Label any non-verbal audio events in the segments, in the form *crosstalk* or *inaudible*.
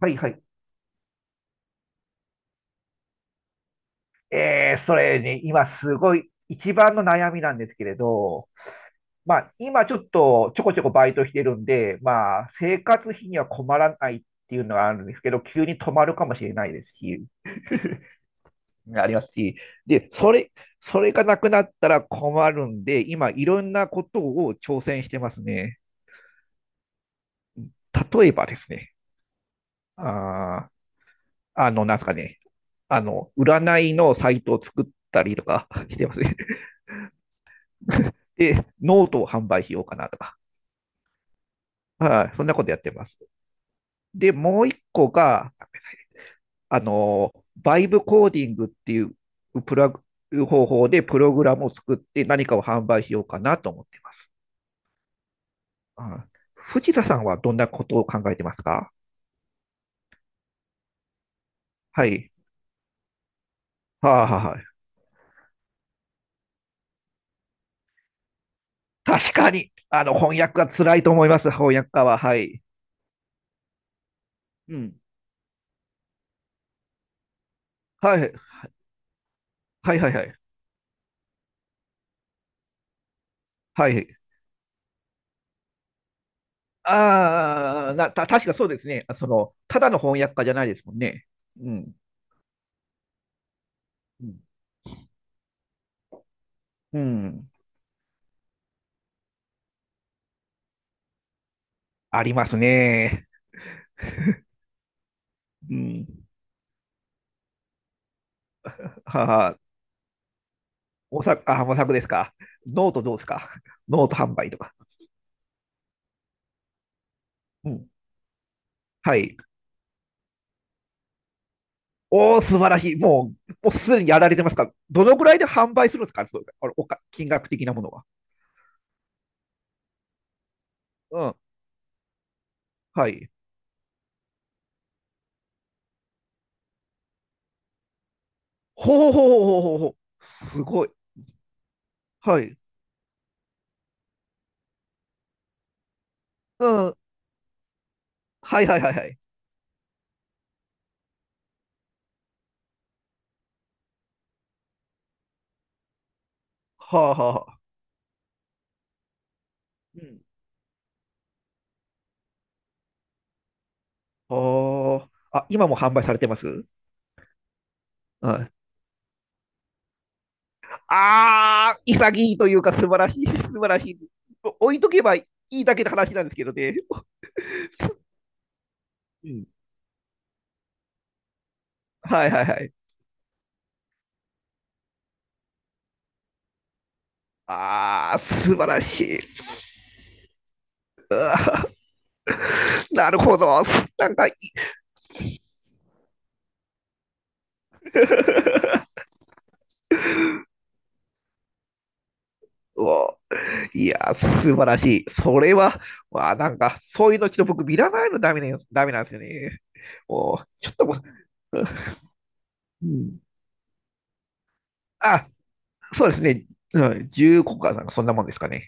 はいはい。それに、今すごい一番の悩みなんですけれど、まあ、今ちょっとちょこちょこバイトしてるんで、まあ、生活費には困らないっていうのがあるんですけど、急に止まるかもしれないですし、ありますし、で、それ、それがなくなったら困るんで、今いろんなことを挑戦してますね。例えばですね、あー、なんですかね、占いのサイトをたりとか *laughs* してますね。*laughs* で、ノートを販売しようかなとか。はい、そんなことやってます。で、もう一個が、バイブコーディングっていうプラグ方法でプログラムを作って何かを販売しようかなと思ってます。うん、藤田さんはどんなことを考えてますか。はい。はい。確かに、翻訳が辛いと思います、翻訳家は。はい。うん。はい。はい、はい、はい。はい。確かそうですね。あその、ただの翻訳家じゃないですもんね。うん。うんうん。ありますね。うん。はあ、模索ですか。ノートどうですか。ノート販売とか。うん。はい。おー素晴らしい。もうすでにやられてますか。どのくらいで販売するんですか、そうあのおか、金額的なものは。うん。はい。ほうほうほうほうほう。すごい。はい。うん。はいはいはいはい。はあはあ。うん。はあ。あ、今も販売されてますはい。ああ、潔いというか素晴らしい、*laughs* 素晴らしい。置いとけばいいだけの話なんですけどね。うん。はいはいはい。ああ、素晴らしい。なるほど。なんか、*laughs* うおいや、素晴らしい。それは、わあ、なんか、そういうのちょっと僕見らないのダメね、ダメなんですよね。おちょっともう、うん。あ、そうですね。うん、10個かなんか、そんなもんですかね。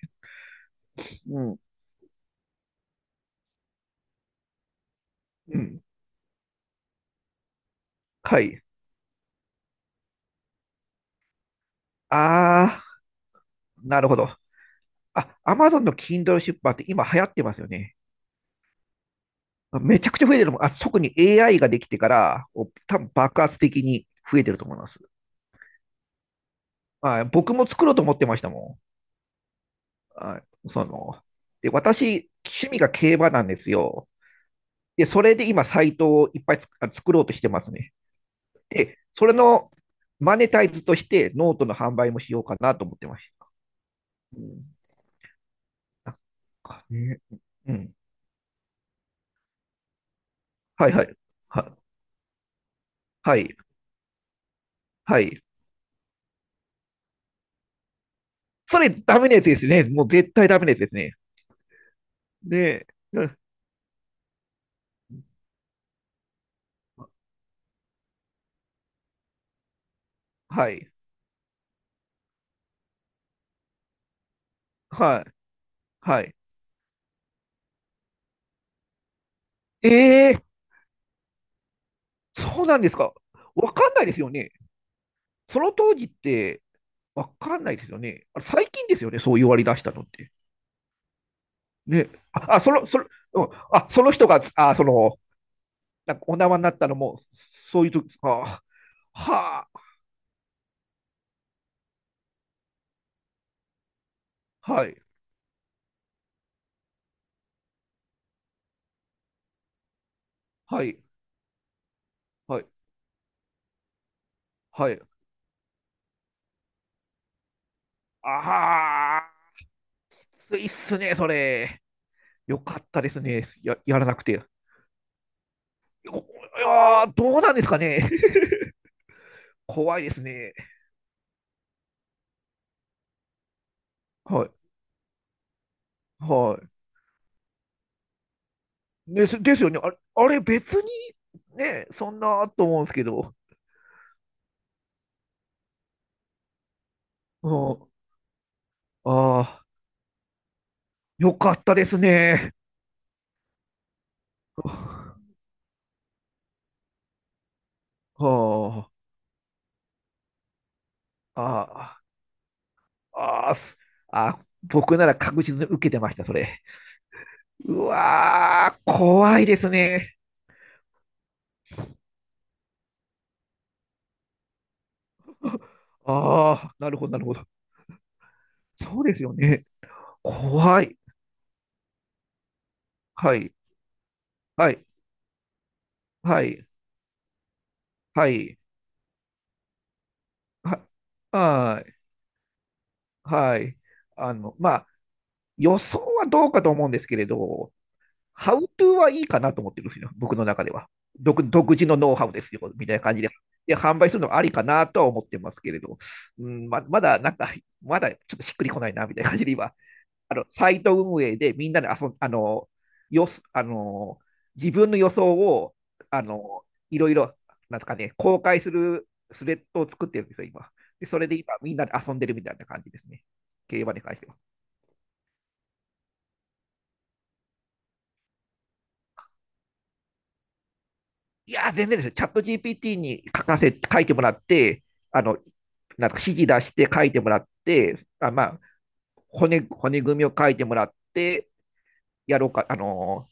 うん。うん。はい。ああ、なるほど。あ、アマゾンの Kindle 出版って今流行ってますよね。めちゃくちゃ増えてるもん。あ、特に AI ができてから、お多分爆発的に増えてると思います。はい、僕も作ろうと思ってましたもん。で、私、趣味が競馬なんですよ。で、それで今、サイトをいっぱい作ろうとしてますね。で、それのマネタイズとして、ノートの販売もしようかなと思ってました。うん、なんかね、うん。はいはい。は、はい。はい。それダメなやつですね。もう絶対ダメなやつですね。で、うんはい、はい、はい。えー、そうなんですか。わかんないですよね。その当時ってわかんないですよね。あれ最近ですよね、そう言われ出したのって。ね、あ、あその、その、その人が、なんかお縄になったのも、そういう時ですか。はあ、はい、はい、はい、はい。ああ、いいっすね、それ。よかったですね。や、やらなくて。おいやー、どうなんですかね。*laughs* 怖いですね。はい。はい。ですよね。あれ別にね、そんなと思うんですけど。うん、ああ、よかったですね。*laughs* はあ、ああ、ああ、すあ、僕なら確実に受けてました、それ。うわー、怖いですね。ああ、なるほど、なるほど。そうですよね。怖い。はい、はい、はい、はい、は、はい。はい。あの、まあ、予想はどうかと思うんですけれど、ハウトゥーはいいかなと思ってるんですよ、僕の中では。独自のノウハウですよ、みたいな感じで。で、販売するのはありかなとは思ってますけれど、まだなんか、まだちょっとしっくりこないな、みたいな感じで今、あの、サイト運営でみんなで遊ん、あの、よあの、自分の予想を、あの、いろいろ、なんですかね、公開するスレッドを作ってるんですよ、今。で、それで今、みんなで遊んでるみたいな感じですね。競馬に関しては。いやー、全然ですよ。チャット GPT に書かせ、書いてもらって、あの、なんか指示出して書いてもらって、骨組みを書いてもらって、やろうか、あの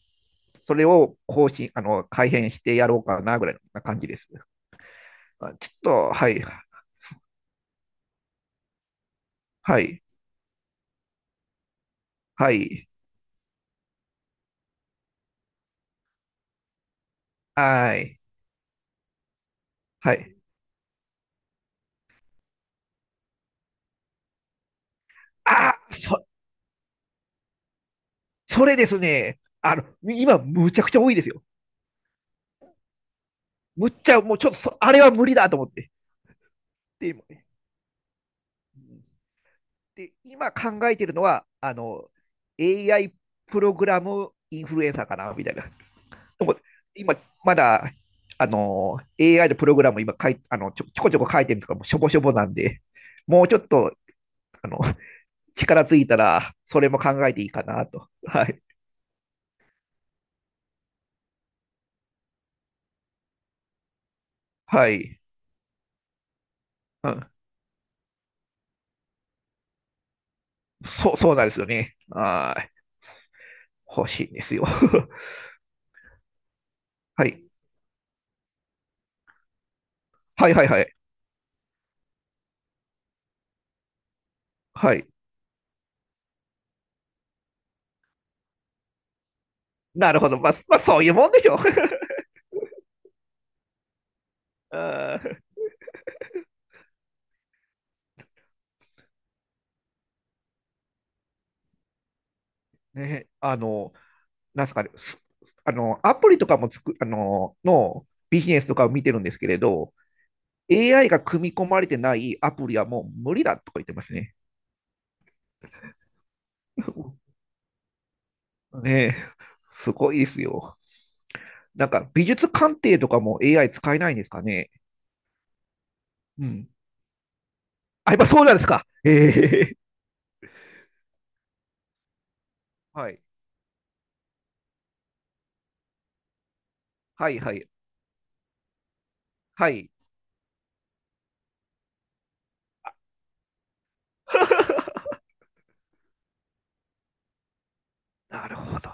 ー、それを更新、あの、改変してやろうかな、ぐらいな感じです。あちょっと、はい、はい、はい、はい、はい。あ、そ、それですね。あの、今、むちゃくちゃ多いですよ。むっちゃ、もうちょっとそ、あれは無理だと思って。で、うんで今考えてるのは、あの、AI プログラムインフルエンサーかな、みたいな。でも今、まだ、あの、AI のプログラム今書い、あの、ちょ、ちょこちょこ書いてるとか、もうしょぼしょぼなんで、もうちょっと、あの、力ついたら、それも考えていいかなと。はい。はい。うん。そうなんですよね。はい。欲しいんですよ。*laughs* はい。はいはいはい。はい。なるほど。まあ、まあ、そういうもんでしょう。*laughs* あーね、あの、なんすかね、すあの、アプリとかもつく、あの、のビジネスとかを見てるんですけれど、AI が組み込まれてないアプリはもう無理だとか言ってますね。*laughs* ねえ、すごいですよ。なんか、美術鑑定とかも AI 使えないんですかね。うん。あ、やっぱそうなんですか。ええはい。はいはい。はい。*laughs* なるほど。